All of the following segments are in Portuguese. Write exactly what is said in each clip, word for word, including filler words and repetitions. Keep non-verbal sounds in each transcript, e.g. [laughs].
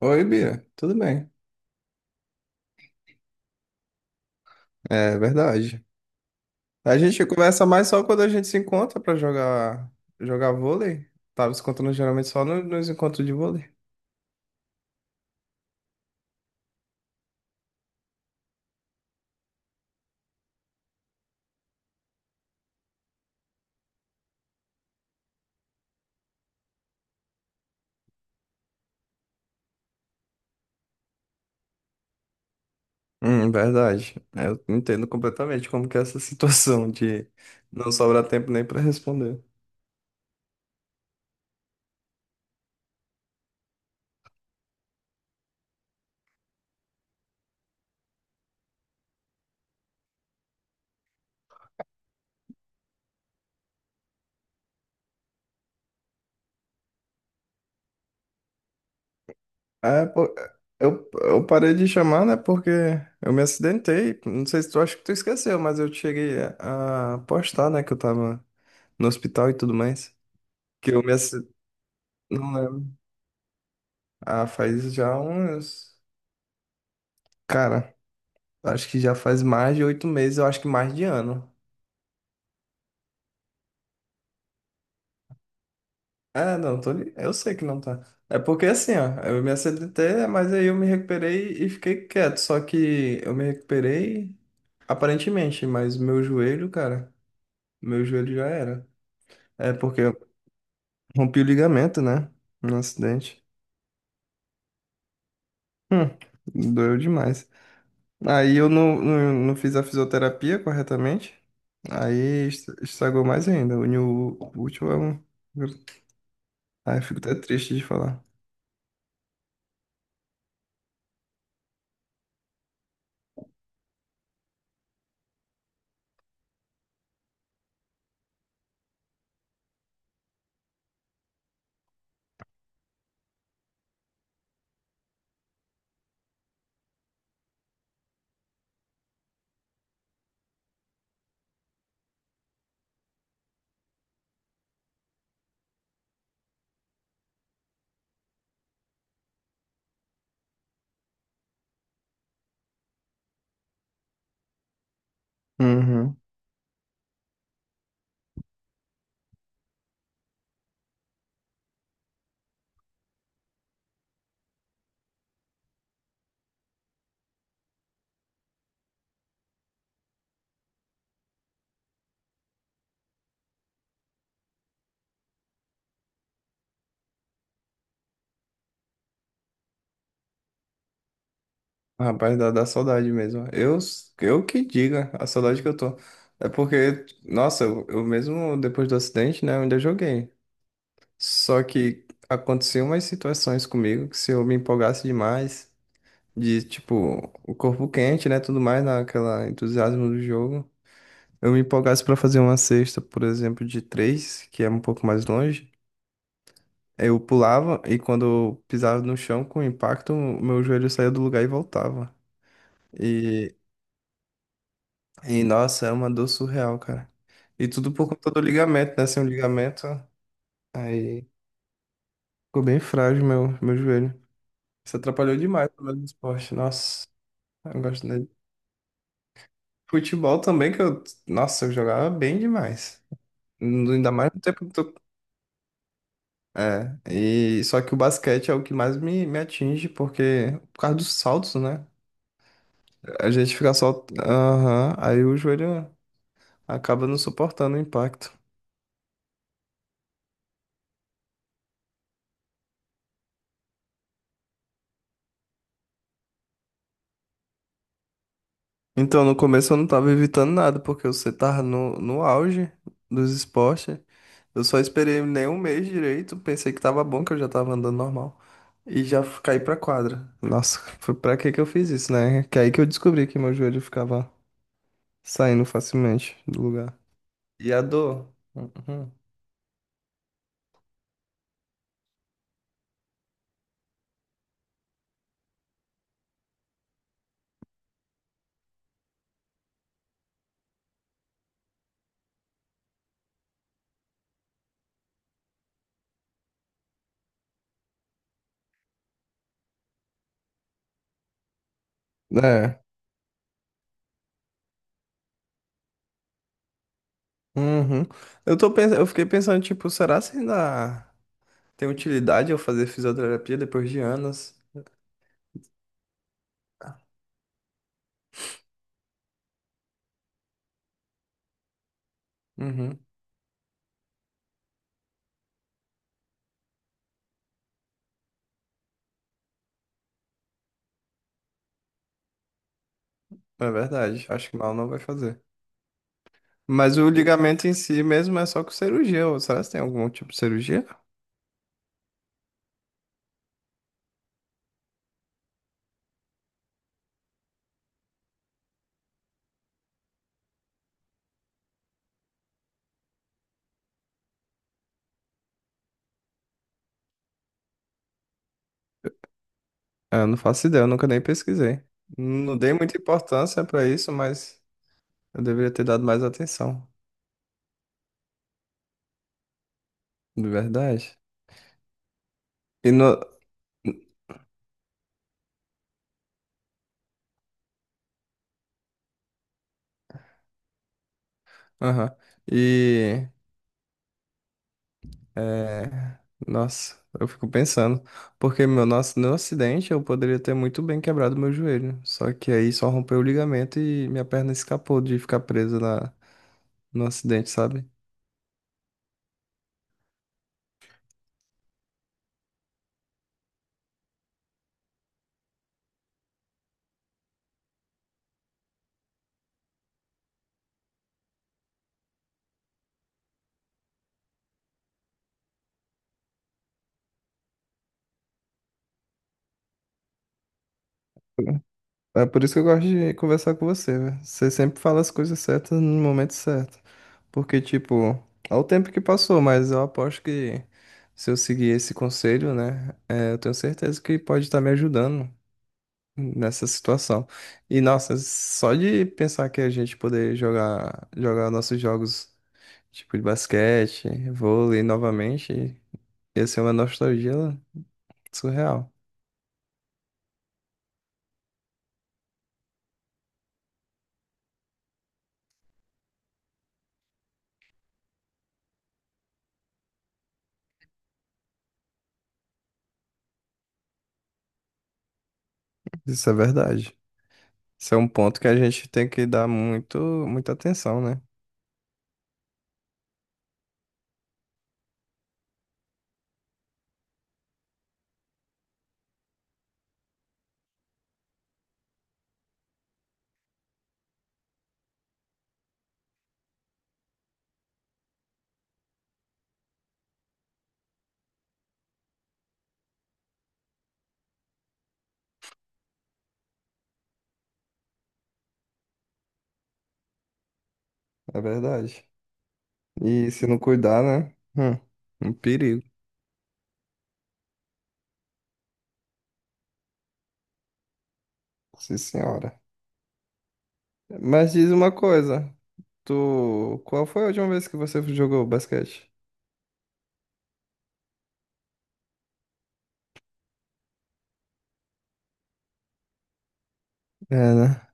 Oi, Bia, tudo bem? É verdade. A gente conversa mais só quando a gente se encontra pra jogar jogar vôlei. Tava se encontrando geralmente só no- nos encontros de vôlei. Hum, verdade. Eu entendo completamente como que é essa [laughs] situação de não sobrar tempo nem pra responder. É, pô, eu, eu parei de chamar, né? Porque eu me acidentei. Não sei se tu acha que tu esqueceu, mas eu cheguei a a postar, né? Que eu tava no hospital e tudo mais. Que eu me acidentei. Não lembro. Ah, faz já uns. Cara, acho que já faz mais de oito meses, eu acho que mais de ano. É, não, tô, li- eu sei que não tá. É porque assim, ó, eu me acidentei, mas aí eu me recuperei e fiquei quieto. Só que eu me recuperei aparentemente, mas meu joelho, cara, meu joelho já era. É porque eu rompi o ligamento, né? No acidente. Hum, doeu demais. Aí eu não, não, não fiz a fisioterapia corretamente. Aí est- estragou mais ainda. Uniu o útil é um. Ai, fico até triste de falar. Uhum. Rapaz, dá, dá saudade mesmo. Eu, eu que diga a saudade que eu tô. É porque, nossa, eu, eu mesmo depois do acidente, né, eu ainda joguei. Só que aconteciam umas situações comigo que se eu me empolgasse demais, de tipo, o corpo quente, né, tudo mais, naquela entusiasmo do jogo, eu me empolgasse pra fazer uma cesta, por exemplo, de três, que é um pouco mais longe. Eu pulava e quando eu pisava no chão com impacto, o meu joelho saía do lugar e voltava. E, e nossa, é uma dor surreal, cara. E tudo por conta do ligamento, né? Sem o ligamento, aí ficou bem frágil meu, meu joelho. Isso atrapalhou demais o meu esporte. Nossa, eu gosto dele. Futebol também, que eu. Nossa, eu jogava bem demais. No- Ainda mais no tempo do. É, e só que o basquete é o que mais me, me atinge, porque por causa dos saltos, né? A gente fica só. Aham. Aí o joelho acaba não suportando o impacto. Então, no começo eu não tava evitando nada, porque você tava no, no auge dos esportes. Eu só esperei nem um mês direito, pensei que tava bom, que eu já tava andando normal. E já f- caí pra quadra. Nossa, foi pra que que eu fiz isso, né? Que aí que eu descobri que meu joelho ficava saindo facilmente do lugar. E a dor? Uhum. É. Uhum. Eu tô pensando, eu fiquei pensando, tipo, será se ainda. Tem utilidade eu fazer fisioterapia depois de anos? Uhum, é verdade. Acho que mal não vai fazer. Mas o ligamento em si mesmo é só com cirurgia. Ou será que tem algum tipo de cirurgia? É, eu não faço ideia, eu nunca nem pesquisei. Não dei muita importância pra isso, mas eu deveria ter dado mais atenção. De verdade. E no... Aham. E é, nossa, eu fico pensando, porque meu, nosso, no acidente eu poderia ter muito bem quebrado meu joelho, só que aí só rompeu o ligamento e minha perna escapou de ficar presa na, no acidente, sabe? É por isso que eu gosto de conversar com você, velho. Você sempre fala as coisas certas no momento certo, porque, tipo, ao tempo que passou, mas eu aposto que se eu seguir esse conselho, né, é, eu tenho certeza que pode estar me ajudando nessa situação. E nossa, só de pensar que a gente poder jogar jogar nossos jogos tipo de basquete, vôlei novamente, ia ser uma nostalgia surreal. Isso é verdade. Isso é um ponto que a gente tem que dar muito muita atenção, né? É verdade. E se não cuidar, né? Hum, um perigo, sim senhora. Mas diz uma coisa, tu, qual foi a última vez que você jogou basquete? É, né?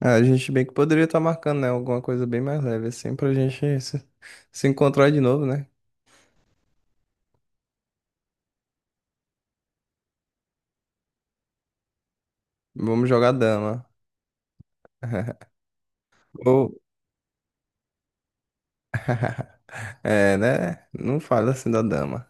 Ah, a gente bem que poderia estar marcando, né? Alguma coisa bem mais leve, assim, pra gente se, se encontrar de novo, né? Vamos jogar dama. [laughs] Ou, é, né? Não fala assim da dama.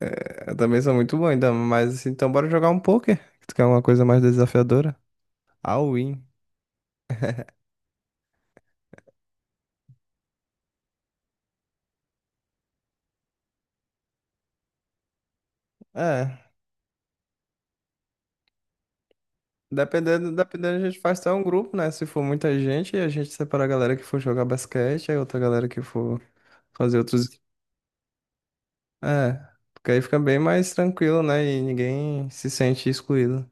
É, eu também sou muito bom em dama, mas assim, então bora jogar um poker. Tu quer uma coisa mais desafiadora? All in. É. Dependendo, dependendo, a gente faz até um grupo, né? Se for muita gente, a gente separa a galera que for jogar basquete, aí outra galera que for fazer outros. É. Porque aí fica bem mais tranquilo, né? E ninguém se sente excluído.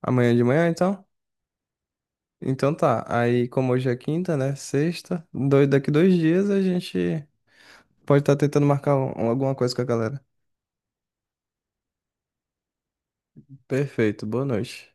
Amanhã de manhã, então? Então tá. Aí, como hoje é quinta, né? Sexta. Dois, daqui dois dias a gente pode estar tentando marcar um- alguma coisa com a galera. Perfeito. Boa noite.